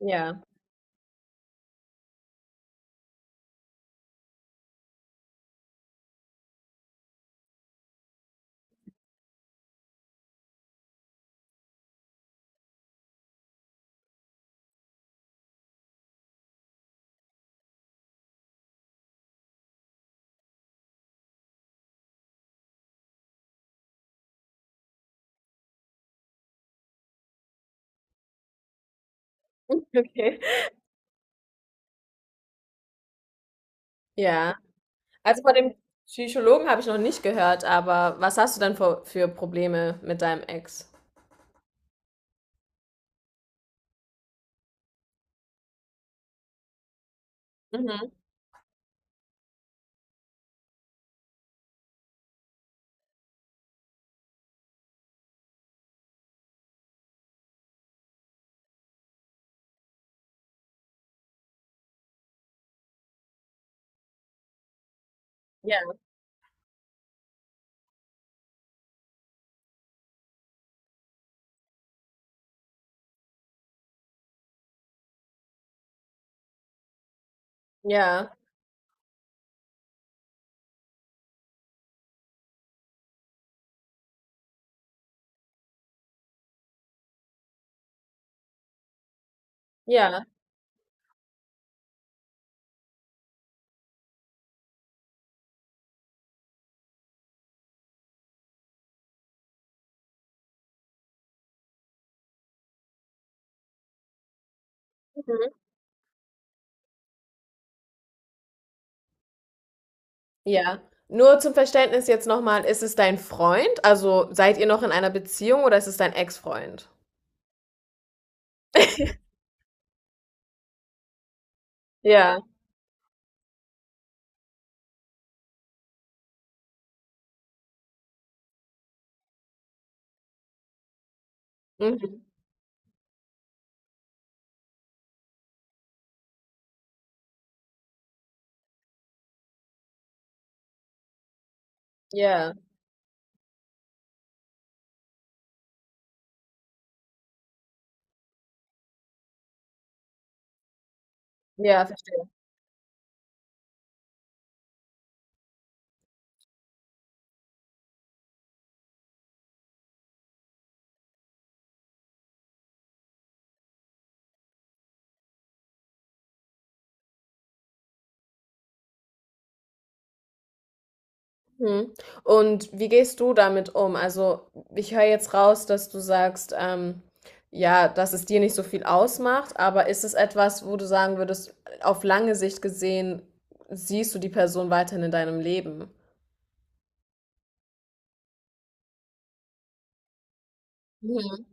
Ja, okay. Ja, also von dem Psychologen habe ich noch nicht gehört, aber was hast du denn für Probleme mit deinem Ex? Mhm. Ja, ja, ja, mhm, ja. Nur zum Verständnis jetzt nochmal, ist es dein Freund? Also seid ihr noch in einer Beziehung oder ist es dein Ex-Freund? Ja, mhm. Ja, ja, verstehe. Mhm. Und wie gehst du damit um? Also, ich höre jetzt raus, dass du sagst, ja, dass es dir nicht so viel ausmacht, aber ist es etwas, wo du sagen würdest, auf lange Sicht gesehen, siehst du die Person weiterhin in deinem Leben? Mhm.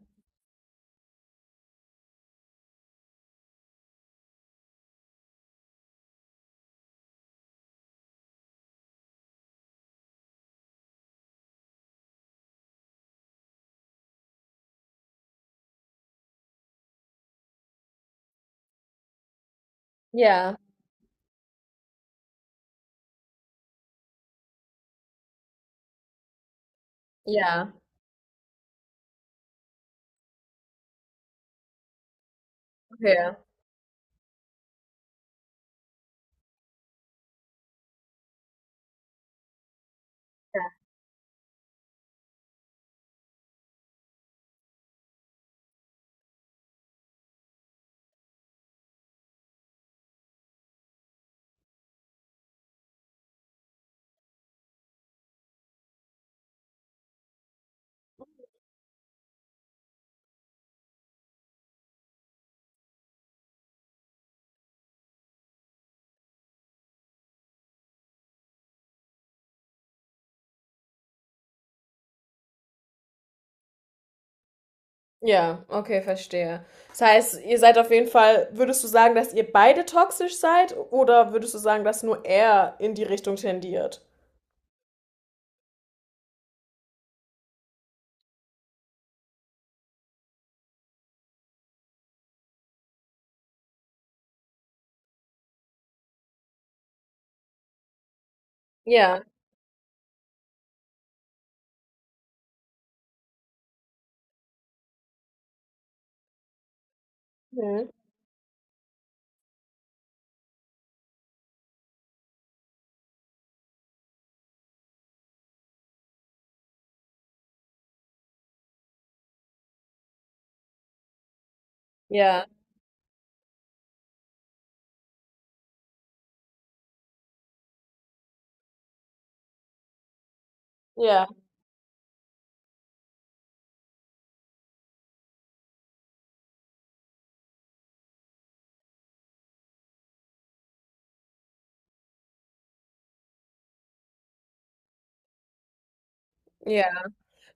Ja, ja, okay. Ja, okay, verstehe. Das heißt, ihr seid auf jeden Fall, würdest du sagen, dass ihr beide toxisch seid oder würdest du sagen, dass nur er in die Richtung tendiert? Ja, mhm. Ja, ja, ja.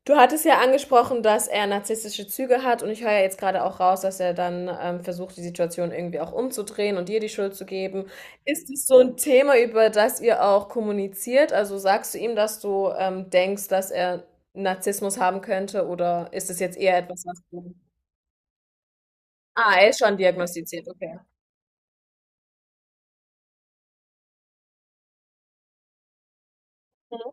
Du hattest ja angesprochen, dass er narzisstische Züge hat und ich höre ja jetzt gerade auch raus, dass er dann, versucht, die Situation irgendwie auch umzudrehen und dir die Schuld zu geben. Ist es so ein Thema, über das ihr auch kommuniziert? Also, sagst du ihm, dass du, denkst, dass er Narzissmus haben könnte oder ist es jetzt eher etwas, was du... Ah, er ist schon diagnostiziert, okay. Mhm.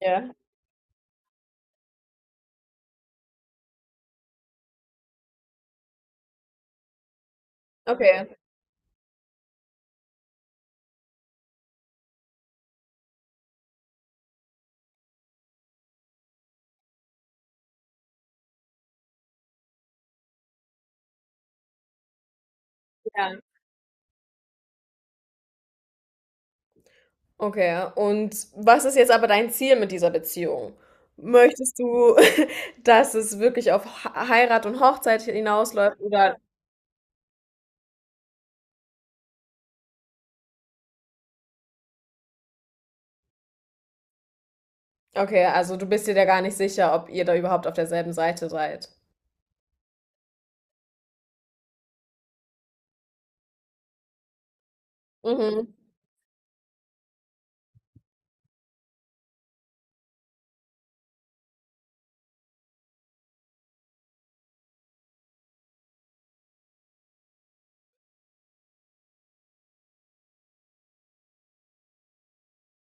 Ja, okay, ja. Okay, und was ist jetzt aber dein Ziel mit dieser Beziehung? Möchtest du, dass es wirklich auf Heirat und Hochzeit hinausläuft oder... Okay, also du bist dir da gar nicht sicher, ob ihr da überhaupt auf derselben Seite seid. Mhm.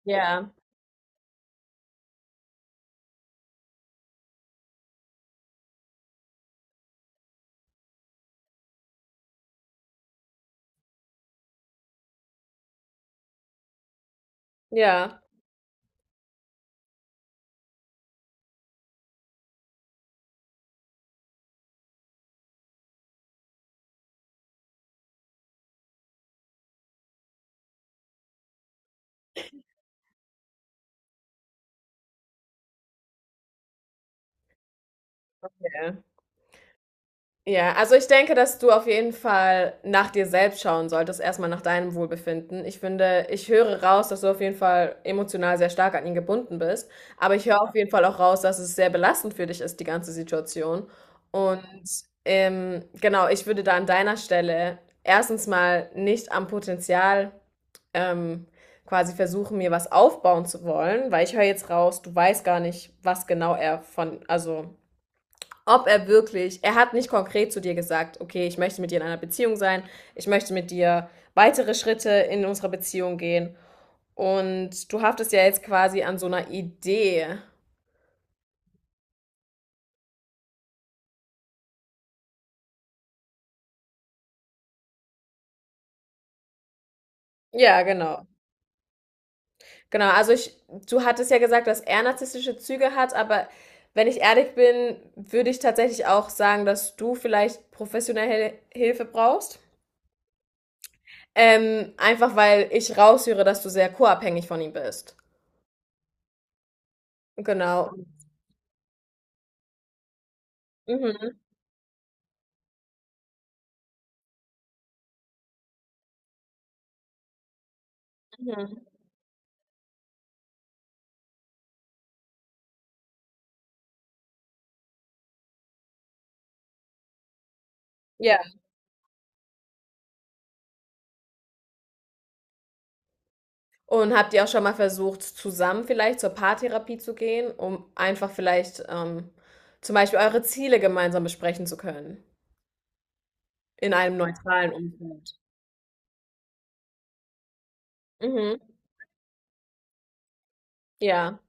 Ja, ja. Ja, also ich denke, dass du auf jeden Fall nach dir selbst schauen solltest, erstmal nach deinem Wohlbefinden. Ich finde, ich höre raus, dass du auf jeden Fall emotional sehr stark an ihn gebunden bist, aber ich höre auf jeden Fall auch raus, dass es sehr belastend für dich ist, die ganze Situation. Und genau, ich würde da an deiner Stelle erstens mal nicht am Potenzial ähm, quasi versuchen, mir was aufbauen zu wollen, weil ich höre jetzt raus, du weißt gar nicht, was genau er von, also ob er wirklich, er hat nicht konkret zu dir gesagt, okay, ich möchte mit dir in einer Beziehung sein, ich möchte mit dir weitere Schritte in unserer Beziehung gehen. Und du haftest ja jetzt quasi an so einer Idee. Ja, genau. Genau, also ich, du hattest ja gesagt, dass er narzisstische Züge hat, aber wenn ich ehrlich bin, würde ich tatsächlich auch sagen, dass du vielleicht professionelle Hilfe brauchst. Einfach weil ich raushöre, dass du sehr co-abhängig von ihm bist. Genau. Mhm, mhm. Ja. Und habt ihr auch schon mal versucht, zusammen vielleicht zur Paartherapie zu gehen, um einfach vielleicht, zum Beispiel eure Ziele gemeinsam besprechen zu können in einem neutralen Umfeld? Mhm. Ja,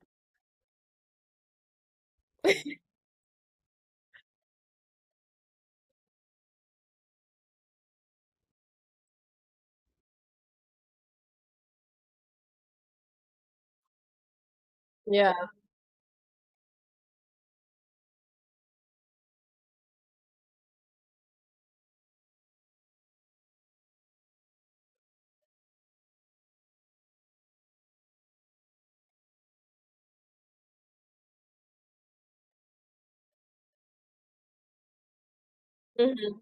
ja, mhm.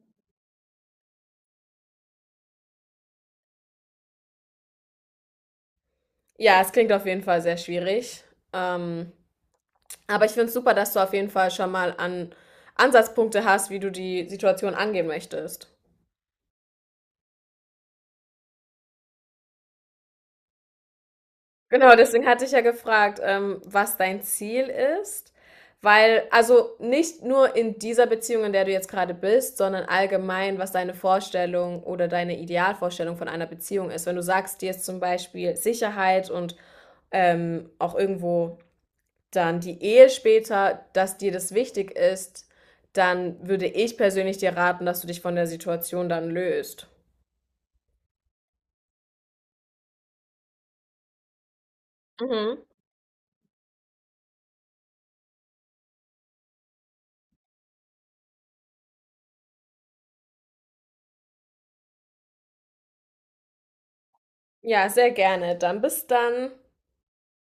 Ja, es klingt auf jeden Fall sehr schwierig. Ähm, aber ich finde es super, dass du auf jeden Fall schon mal an Ansatzpunkte hast, wie du die Situation angehen möchtest. Genau, deswegen hatte ich ja gefragt, was dein Ziel ist, weil also nicht nur in dieser Beziehung, in der du jetzt gerade bist, sondern allgemein, was deine Vorstellung oder deine Idealvorstellung von einer Beziehung ist. Wenn du sagst, dir ist zum Beispiel Sicherheit und auch irgendwo dann die Ehe später, dass dir das wichtig ist, dann würde ich persönlich dir raten, dass du dich von der Situation dann löst. Mhm. Ja, sehr gerne. Dann bis dann.